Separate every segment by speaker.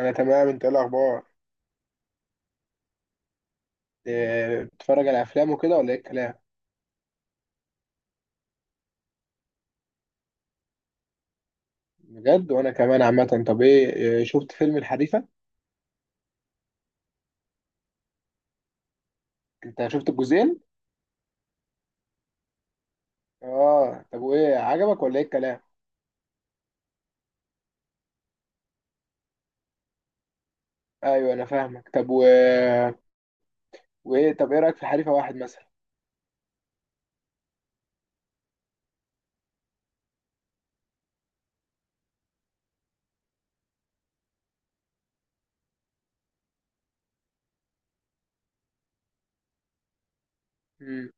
Speaker 1: انا تمام. انت ايه الاخبار؟ بتتفرج على افلام وكده ولا ايه الكلام؟ بجد؟ وانا كمان عامه. طب ايه، شفت فيلم الحريفه؟ انت شفت الجزئين؟ اه، طب وايه عجبك ولا ايه الكلام؟ ايوه انا فاهمك. طب وايه، طب ايه رايك في الحريفه واحد مثلا؟ امم،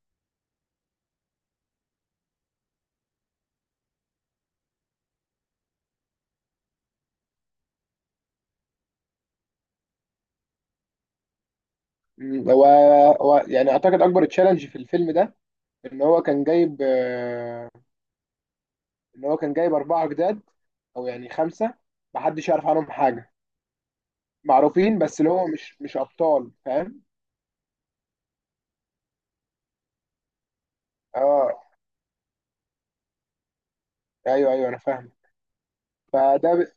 Speaker 1: أمم، هو يعني اعتقد اكبر تشالنج في الفيلم ده ان هو كان جايب، ان هو كان جايب اربعه جداد، او يعني خمسه، محدش يعرف عنهم حاجه. معروفين بس اللي هو مش ابطال، فاهم؟ اه. ايوه ايوه انا فاهم. فده ب...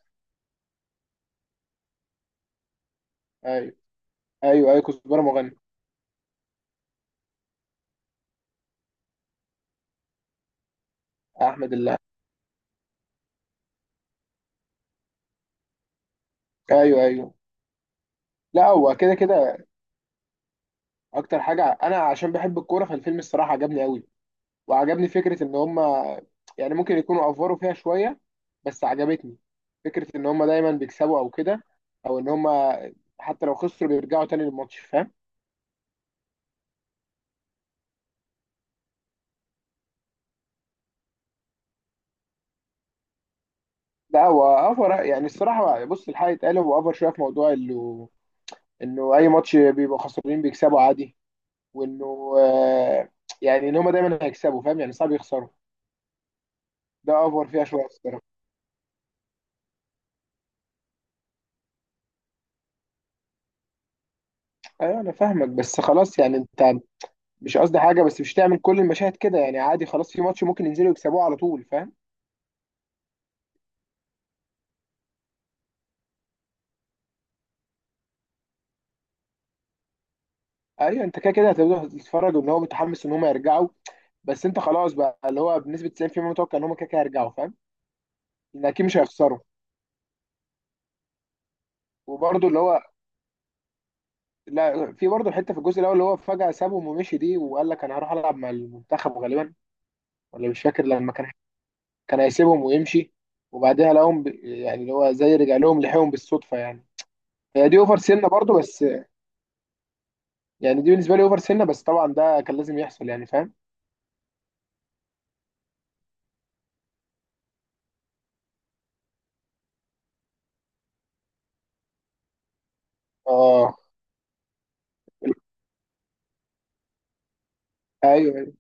Speaker 1: ايوه. ايوه ايوه، كزبره مغني. احمد الله، ايوه ايوه. لا، هو كده كده. اكتر حاجه انا عشان بحب الكوره فالفيلم الصراحه عجبني قوي. وعجبني فكره ان هم يعني ممكن يكونوا افوروا فيها شويه، بس عجبتني فكره ان هم دايما بيكسبوا او كده، او ان هم حتى لو خسروا بيرجعوا تاني للماتش، فاهم؟ لا هو افور يعني. الصراحه بص، الحقيقه اتقال هو افور شويه في موضوع انه، انه اي ماتش بيبقوا خسرانين بيكسبوا عادي. وانه يعني ان هم دايما هيكسبوا، فاهم؟ يعني صعب يخسروا. ده اوفر فيها شويه الصراحه. ايوه انا فاهمك، بس خلاص يعني انت، مش قصدي حاجه بس مش تعمل كل المشاهد كده. يعني عادي خلاص، في ماتش ممكن ينزلوا يكسبوه على طول، فاهم؟ ايوه، انت كده كده هتبدا تتفرج ان هو متحمس ان هم يرجعوا، بس انت خلاص بقى اللي هو بنسبه 90% متوقع ان هم كده كده هيرجعوا، فاهم؟ ان اكيد مش هيخسروا. وبرده اللي هو، لا في برده الحته في الجزء الاول اللي هو فجاه سابهم ومشي دي، وقال لك انا هروح العب مع المنتخب غالبا، ولا مش فاكر لما كان، كان هيسيبهم ويمشي، وبعدها لقاهم يعني اللي هو زي رجع لهم، لحقهم بالصدفه يعني. هي دي اوفر سنه برضو، بس يعني دي بالنسبه لي اوفر سنه. بس طبعا ده كان لازم يحصل يعني، فاهم؟ اه. ايوه أيوة.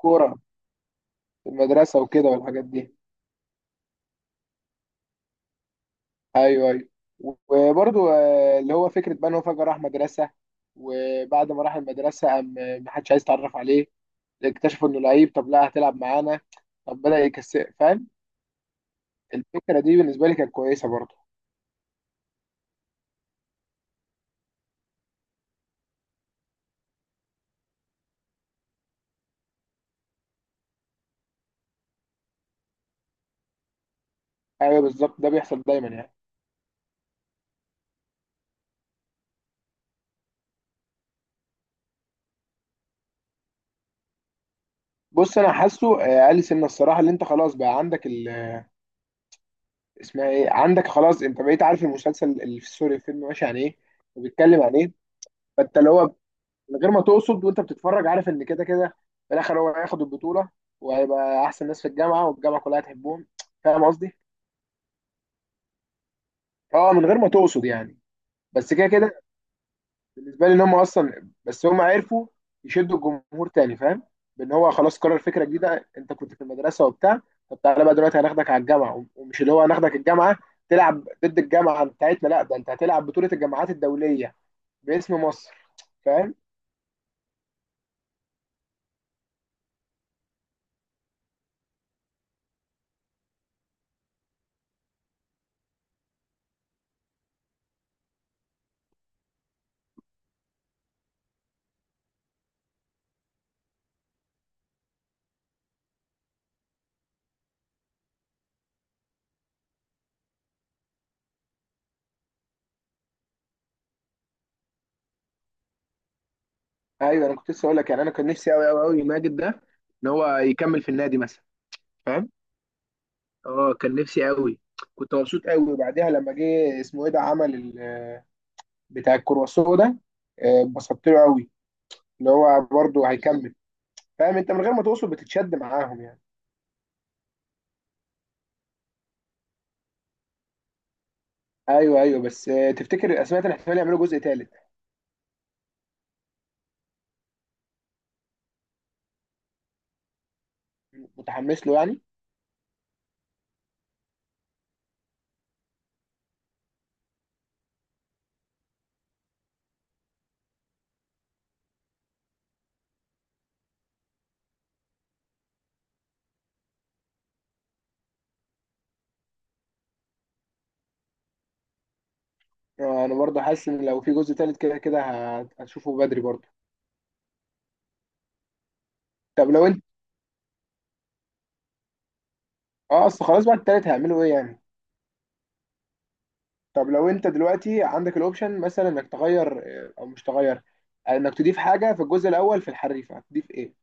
Speaker 1: كوره في المدرسه وكده والحاجات دي. ايوه ايوه. وبرضو اللي هو فكره بقى ان هو فجاه راح مدرسه، وبعد ما راح المدرسه قام ما حدش عايز يتعرف عليه، اكتشفوا انه لعيب، طب لا هتلعب معانا، طب بدأ يكسر، فاهم؟ الفكره دي بالنسبه لي كانت كويسه برضو. ايوه بالظبط، ده بيحصل دايما يعني. بص انا حاسه، اقل سنه الصراحه، اللي انت خلاص بقى عندك، اسمها ايه، عندك خلاص انت بقيت عارف المسلسل اللي في، سوري، الفيلم ماشي عن ايه وبيتكلم عن ايه. فانت اللي هو من غير ما تقصد وانت بتتفرج عارف ان كده كده في الاخر هو هياخد البطوله وهيبقى احسن ناس في الجامعه، والجامعه كلها هتحبهم، فاهم قصدي؟ اه من غير ما تقصد يعني. بس كده كده بالنسبه لي ان هم اصلا، بس هم عرفوا يشدوا الجمهور تاني، فاهم؟ بان هو خلاص قرر فكره جديده، انت كنت في المدرسه وبتاع، طب تعالى بقى دلوقتي هناخدك على الجامعه، ومش اللي هو هناخدك الجامعه تلعب ضد الجامعه بتاعتنا، لا ده انت هتلعب بطوله الجامعات الدوليه باسم مصر، فاهم؟ ايوه، انا كنت لسه اقول لك يعني، انا كان نفسي قوي قوي قوي ماجد ده ان هو يكمل في النادي مثلا، فاهم؟ اه كان نفسي قوي. كنت مبسوط قوي. وبعدها لما جه اسمه ايه ده عمل بتاع الكرواسون ده، اتبسطت له قوي اللي هو برضه هيكمل، فاهم؟ انت من غير ما توصل بتتشد معاهم يعني. ايوه ايوه. بس تفتكر الاسماء ده احتمال يعملوا جزء ثالث؟ متحمس له يعني؟ انا برضه حاسس ان لو في جزء ثالث كده كده هتشوفه بدري برضه. طب لو انت، اه اصل خلاص بعد الثالث هيعملوا ايه يعني. طب لو انت دلوقتي عندك الاوبشن مثلا انك تغير، او مش تغير، انك تضيف حاجه في الجزء الاول في الحريفه، هتضيف ايه؟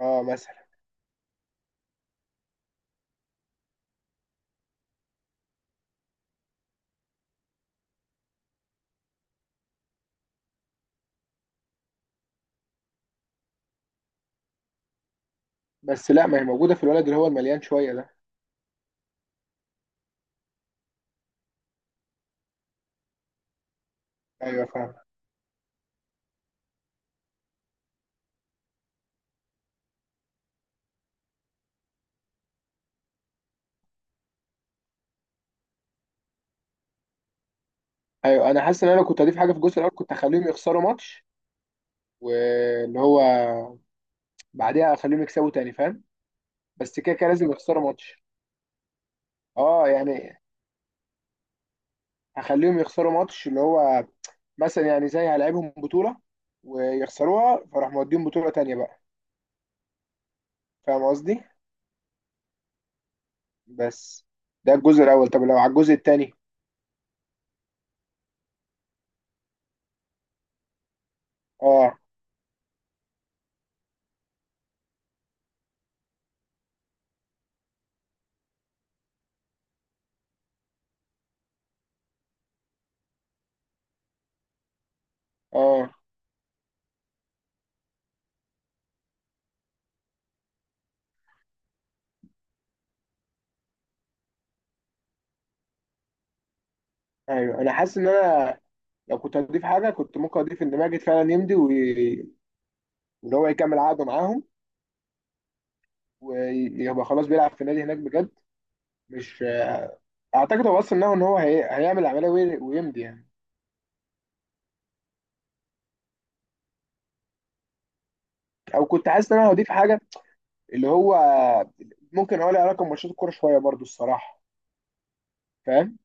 Speaker 1: اه مثلا. بس لا، ما هي موجوده في الولد اللي هو المليان شويه ده. ايوه فاهم. ايوه انا حاسس ان انا لو كنت هضيف حاجه في الجزء الاول كنت هخليهم يخسروا ماتش، واللي هو بعديها اخليهم يكسبوا تاني، فاهم؟ بس كده كده لازم يخسروا ماتش. اه يعني هخليهم يخسروا ماتش اللي هو مثلا، يعني زي هلعبهم بطولة ويخسروها فراح موديهم بطولة تانية بقى، فاهم قصدي؟ بس ده الجزء الاول. طب لو على الجزء التاني؟ اه. اه. ايوه انا حاسس ان انا لو كنت هضيف حاجة كنت ممكن اضيف ان ماجد فعلا يمضي، واللي هو يكمل عقده معاهم، ويبقى خلاص بيلعب في النادي هناك بجد. مش، اعتقد هو اصلا نوع ان هو هيعمل عمليه ويمضي يعني. او كنت حاسس ان انا هضيف حاجه اللي هو ممكن اقول لها رقم ماتشات الكوره شويه برضو الصراحه، فاهم؟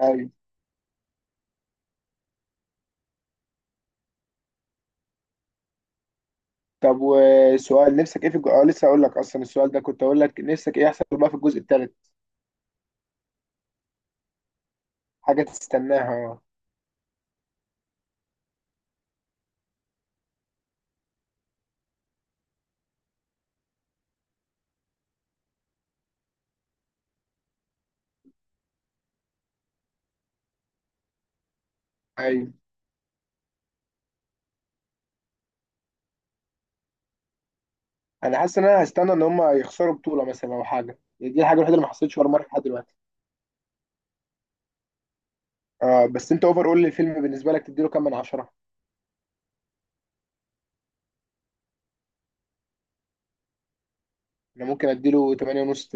Speaker 1: ايوه. طب وسؤال نفسك ايه في آه لسه اقول لك اصلا، السؤال ده كنت اقول لك نفسك ايه يحصل بقى في الجزء الثالث. حاجه تستناها. ايوه انا حاسس ان انا هستنى ان هم يخسروا بطوله مثلا او حاجه يعني. دي الحاجه الوحيده اللي ما حصلتش ولا مره لحد دلوقتي. آه بس انت اوفر، قول لي الفيلم بالنسبه لك تديله كام من 10؟ انا ممكن اديله 8 ونص.